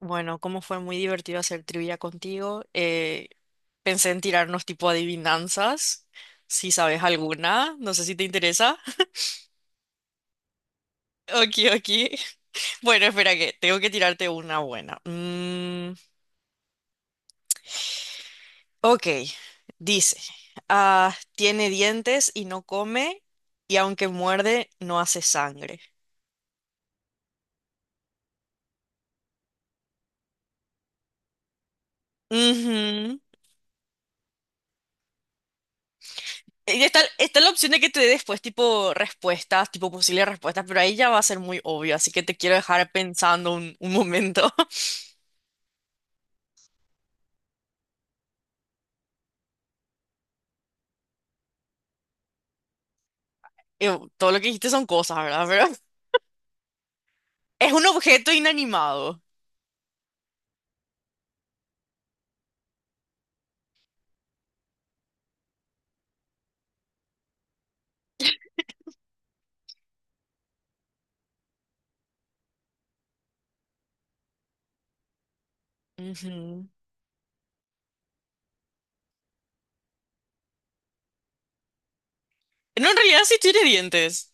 Bueno, como fue muy divertido hacer trivia contigo, pensé en tirarnos tipo adivinanzas, si sabes alguna, no sé si te interesa. Ok, ok. Bueno, espera que tengo que tirarte una buena. Ok, dice, tiene dientes y no come, y aunque muerde, no hace sangre. Ujú. Está la opción de que te dé después tipo respuestas, tipo posibles respuestas, pero ahí ya va a ser muy obvio, así que te quiero dejar pensando un momento. Todo lo que dijiste son cosas, ¿verdad? Pero es un objeto inanimado. Ujú. No, en realidad sí tiene dientes.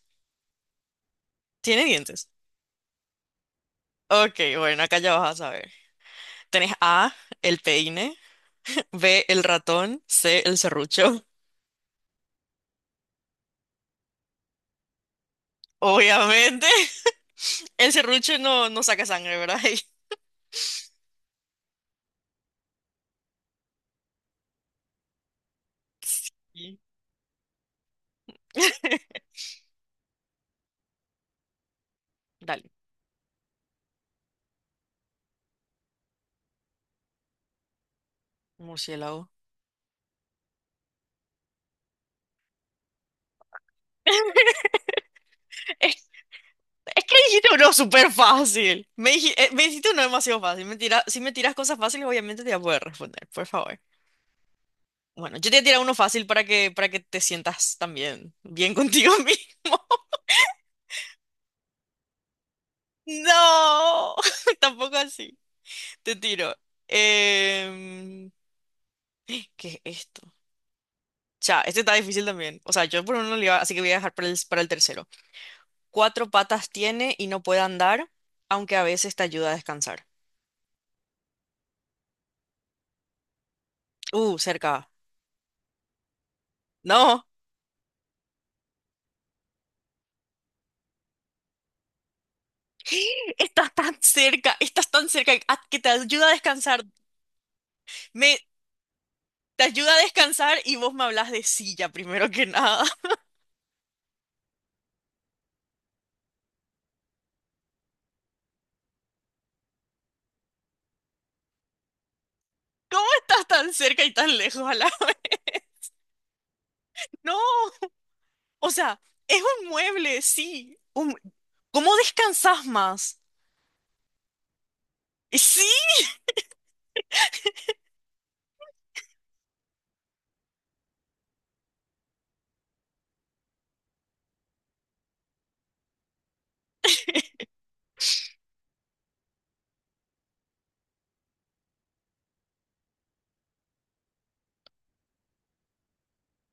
Tiene dientes. Ok, bueno, acá ya vas a saber. Tenés A, el peine, B, el ratón, C, el serrucho. Obviamente, el serrucho no, no saca sangre, ¿verdad? Sí. Dale, murciélago. Es, es que dijiste uno súper fácil. Me dijiste uno demasiado fácil. Si me tiras cosas fáciles, obviamente te voy a poder responder, por favor. Bueno, yo te voy a tirar uno fácil para que te sientas también bien contigo mismo. No, tampoco así. Te tiro. Em, ¿Qué es esto? Ya, este está difícil también. O sea, yo por uno le iba, así que voy a dejar para el tercero. Cuatro patas tiene y no puede andar, aunque a veces te ayuda a descansar. Cerca. No. Estás tan cerca ah, que te ayuda a descansar. Me, te ayuda a descansar y vos me hablas de silla primero que nada. ¿Cómo estás tan cerca y tan lejos a la vez? No, o sea, es un mueble, sí. Un- ¿Cómo descansas más? Y sí,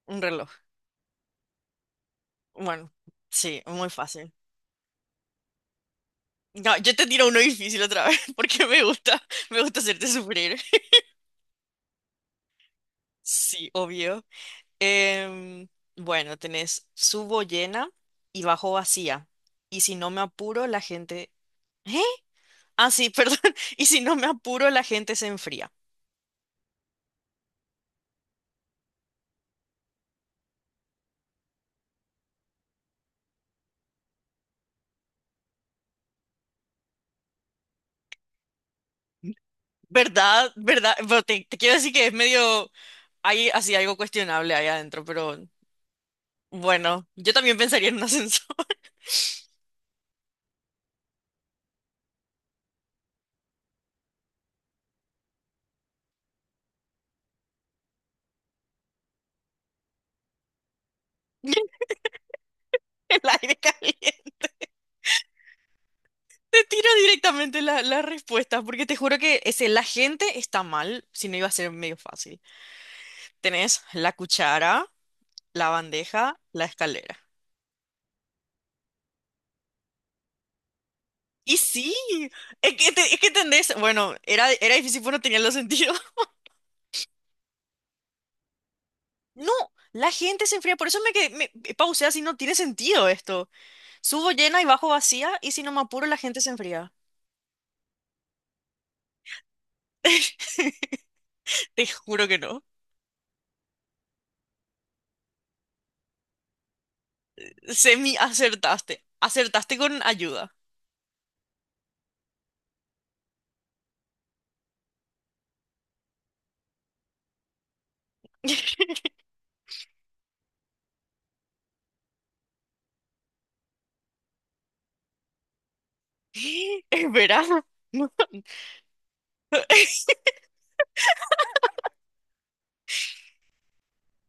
un reloj. Bueno, sí, muy fácil. No, yo te tiro uno difícil otra vez porque me gusta hacerte sufrir. Sí, obvio. Em, bueno, tenés subo llena y bajo vacía. Y si no me apuro, la gente... ¿Eh? Ah, sí, perdón. Y si no me apuro, la gente se enfría. ¿Verdad? ¿Verdad? Pero te quiero decir que es medio, hay así algo cuestionable ahí adentro, pero bueno, yo también pensaría en un ascensor. El aire caliente. Te tiro directamente la respuesta, porque te juro que ese, la gente está mal, si no iba a ser medio fácil. Tenés la cuchara, la bandeja, la escalera. Y sí, es que, te- es que entendés, bueno, era difícil porque no tenía los sentidos. No, la gente se enfría, por eso me, que- me me pausé así, no tiene sentido esto. Subo llena y bajo vacía y si no me apuro la gente se enfría. Te juro que no. Semi acertaste. Acertaste con ayuda. Es verano. No,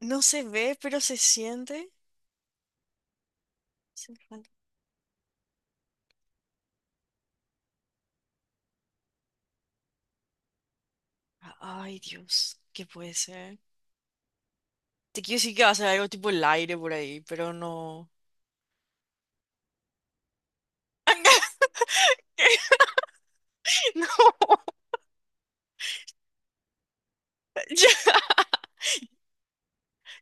no se ve, pero se siente. Se falta- Ay, Dios, ¿qué puede ser? Te quiero decir que va a ser algo tipo el aire por ahí, pero no. No, ya.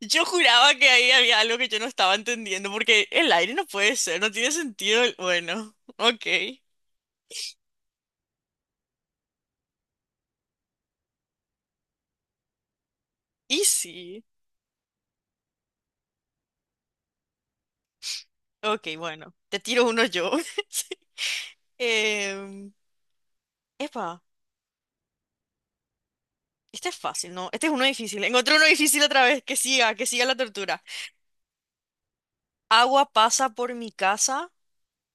Yo juraba que ahí había algo que yo no estaba entendiendo, porque el aire no puede ser, no tiene sentido. El- Bueno, ok. Y sí. Ok, bueno, te tiro uno yo. Em, epa, este es fácil, ¿no? Este es uno difícil. Encontré uno difícil otra vez. Que siga la tortura. Agua pasa por mi casa,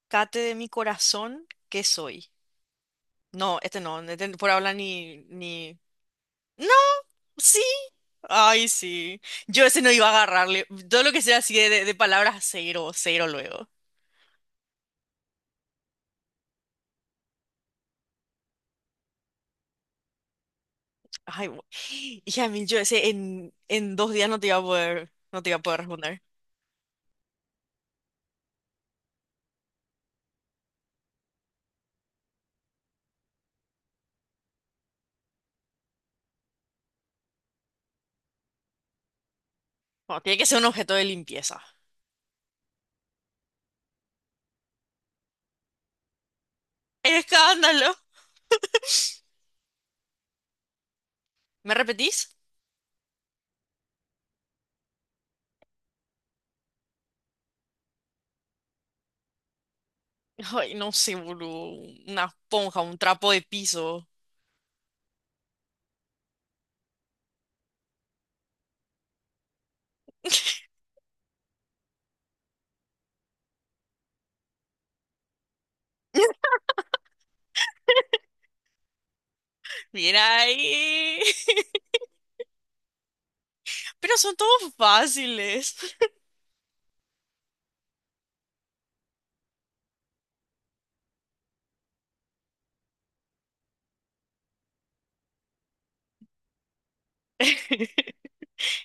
cate de mi corazón, ¿qué soy? No, este no, este por habla ni, ni... No, sí. Ay, sí. Yo ese no iba a agarrarle. Todo lo que sea así de palabras, cero, cero luego. Ay, bu- hija mil, yo ese en dos días no te iba a poder, no te iba a poder responder. No, tiene que ser un objeto de limpieza. ¡Escándalo! ¿Me repetís? Ay, no sé, boludo. Una esponja, un trapo de piso. Mira ahí. Pero son todos fáciles.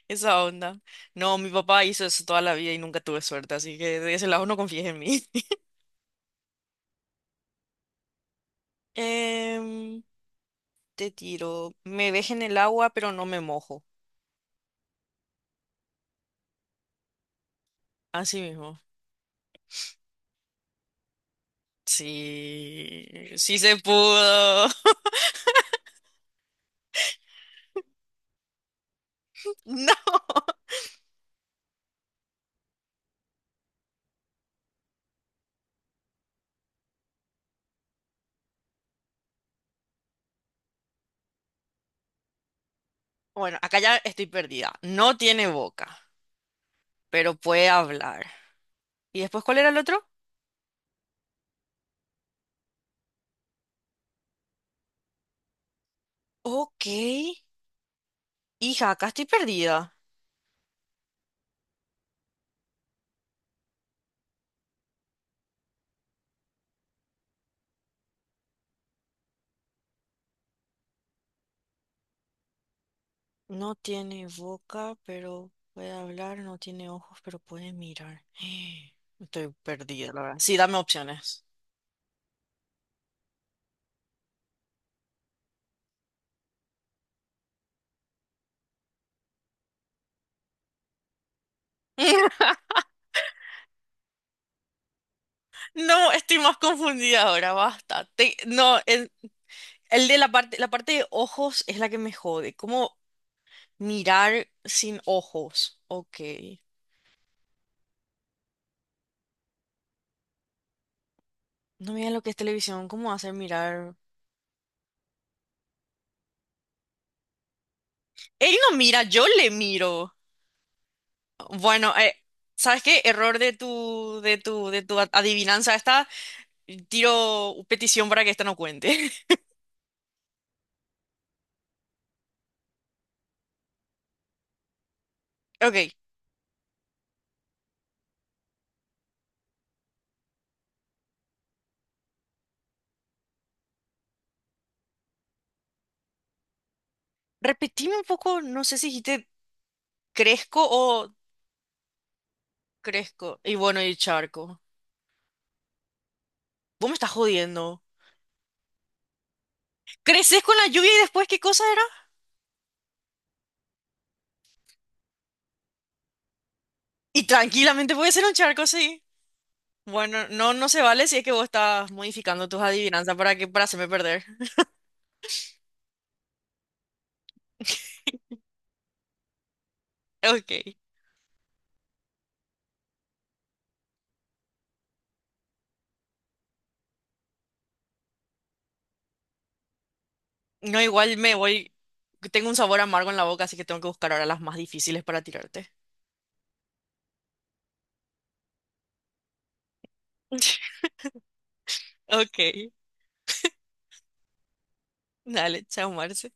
Esa onda. No, mi papá hizo eso toda la vida y nunca tuve suerte, así que de ese lado no confíes en mí. Em, te tiro. Me deje en el agua, pero no me mojo. Así mismo. Sí, sí se pudo. No. Bueno, acá ya estoy perdida. No tiene boca, pero puede hablar. ¿Y después cuál era el otro? Ok. Hija, acá estoy perdida. No tiene boca, pero puede hablar. No tiene ojos, pero puede mirar. Estoy perdida, la verdad. Sí, dame opciones. No, estoy más confundida ahora, basta. Te- no, el de la parte de ojos es la que me jode. ¿Cómo mirar sin ojos? Ok. No miren lo que es televisión, ¿cómo hacer mirar? Él no mira, yo le miro. Bueno, ¿sabes qué? Error de tu a- adivinanza esta. Tiro petición para que esta no cuente. Ok. Repetime un poco, no sé si dijiste crezco o crezco. Y bueno, y charco. Vos me estás jodiendo. Creces con la lluvia y después, ¿qué cosa era? Y tranquilamente puede ser un charco, sí. Bueno, no, no se vale si es que vos estás modificando tus adivinanzas para hacerme perder. Ok. No, igual me voy. Tengo un sabor amargo en la boca, así que tengo que buscar ahora las más difíciles para tirarte. Ok. Dale, chao, Marce.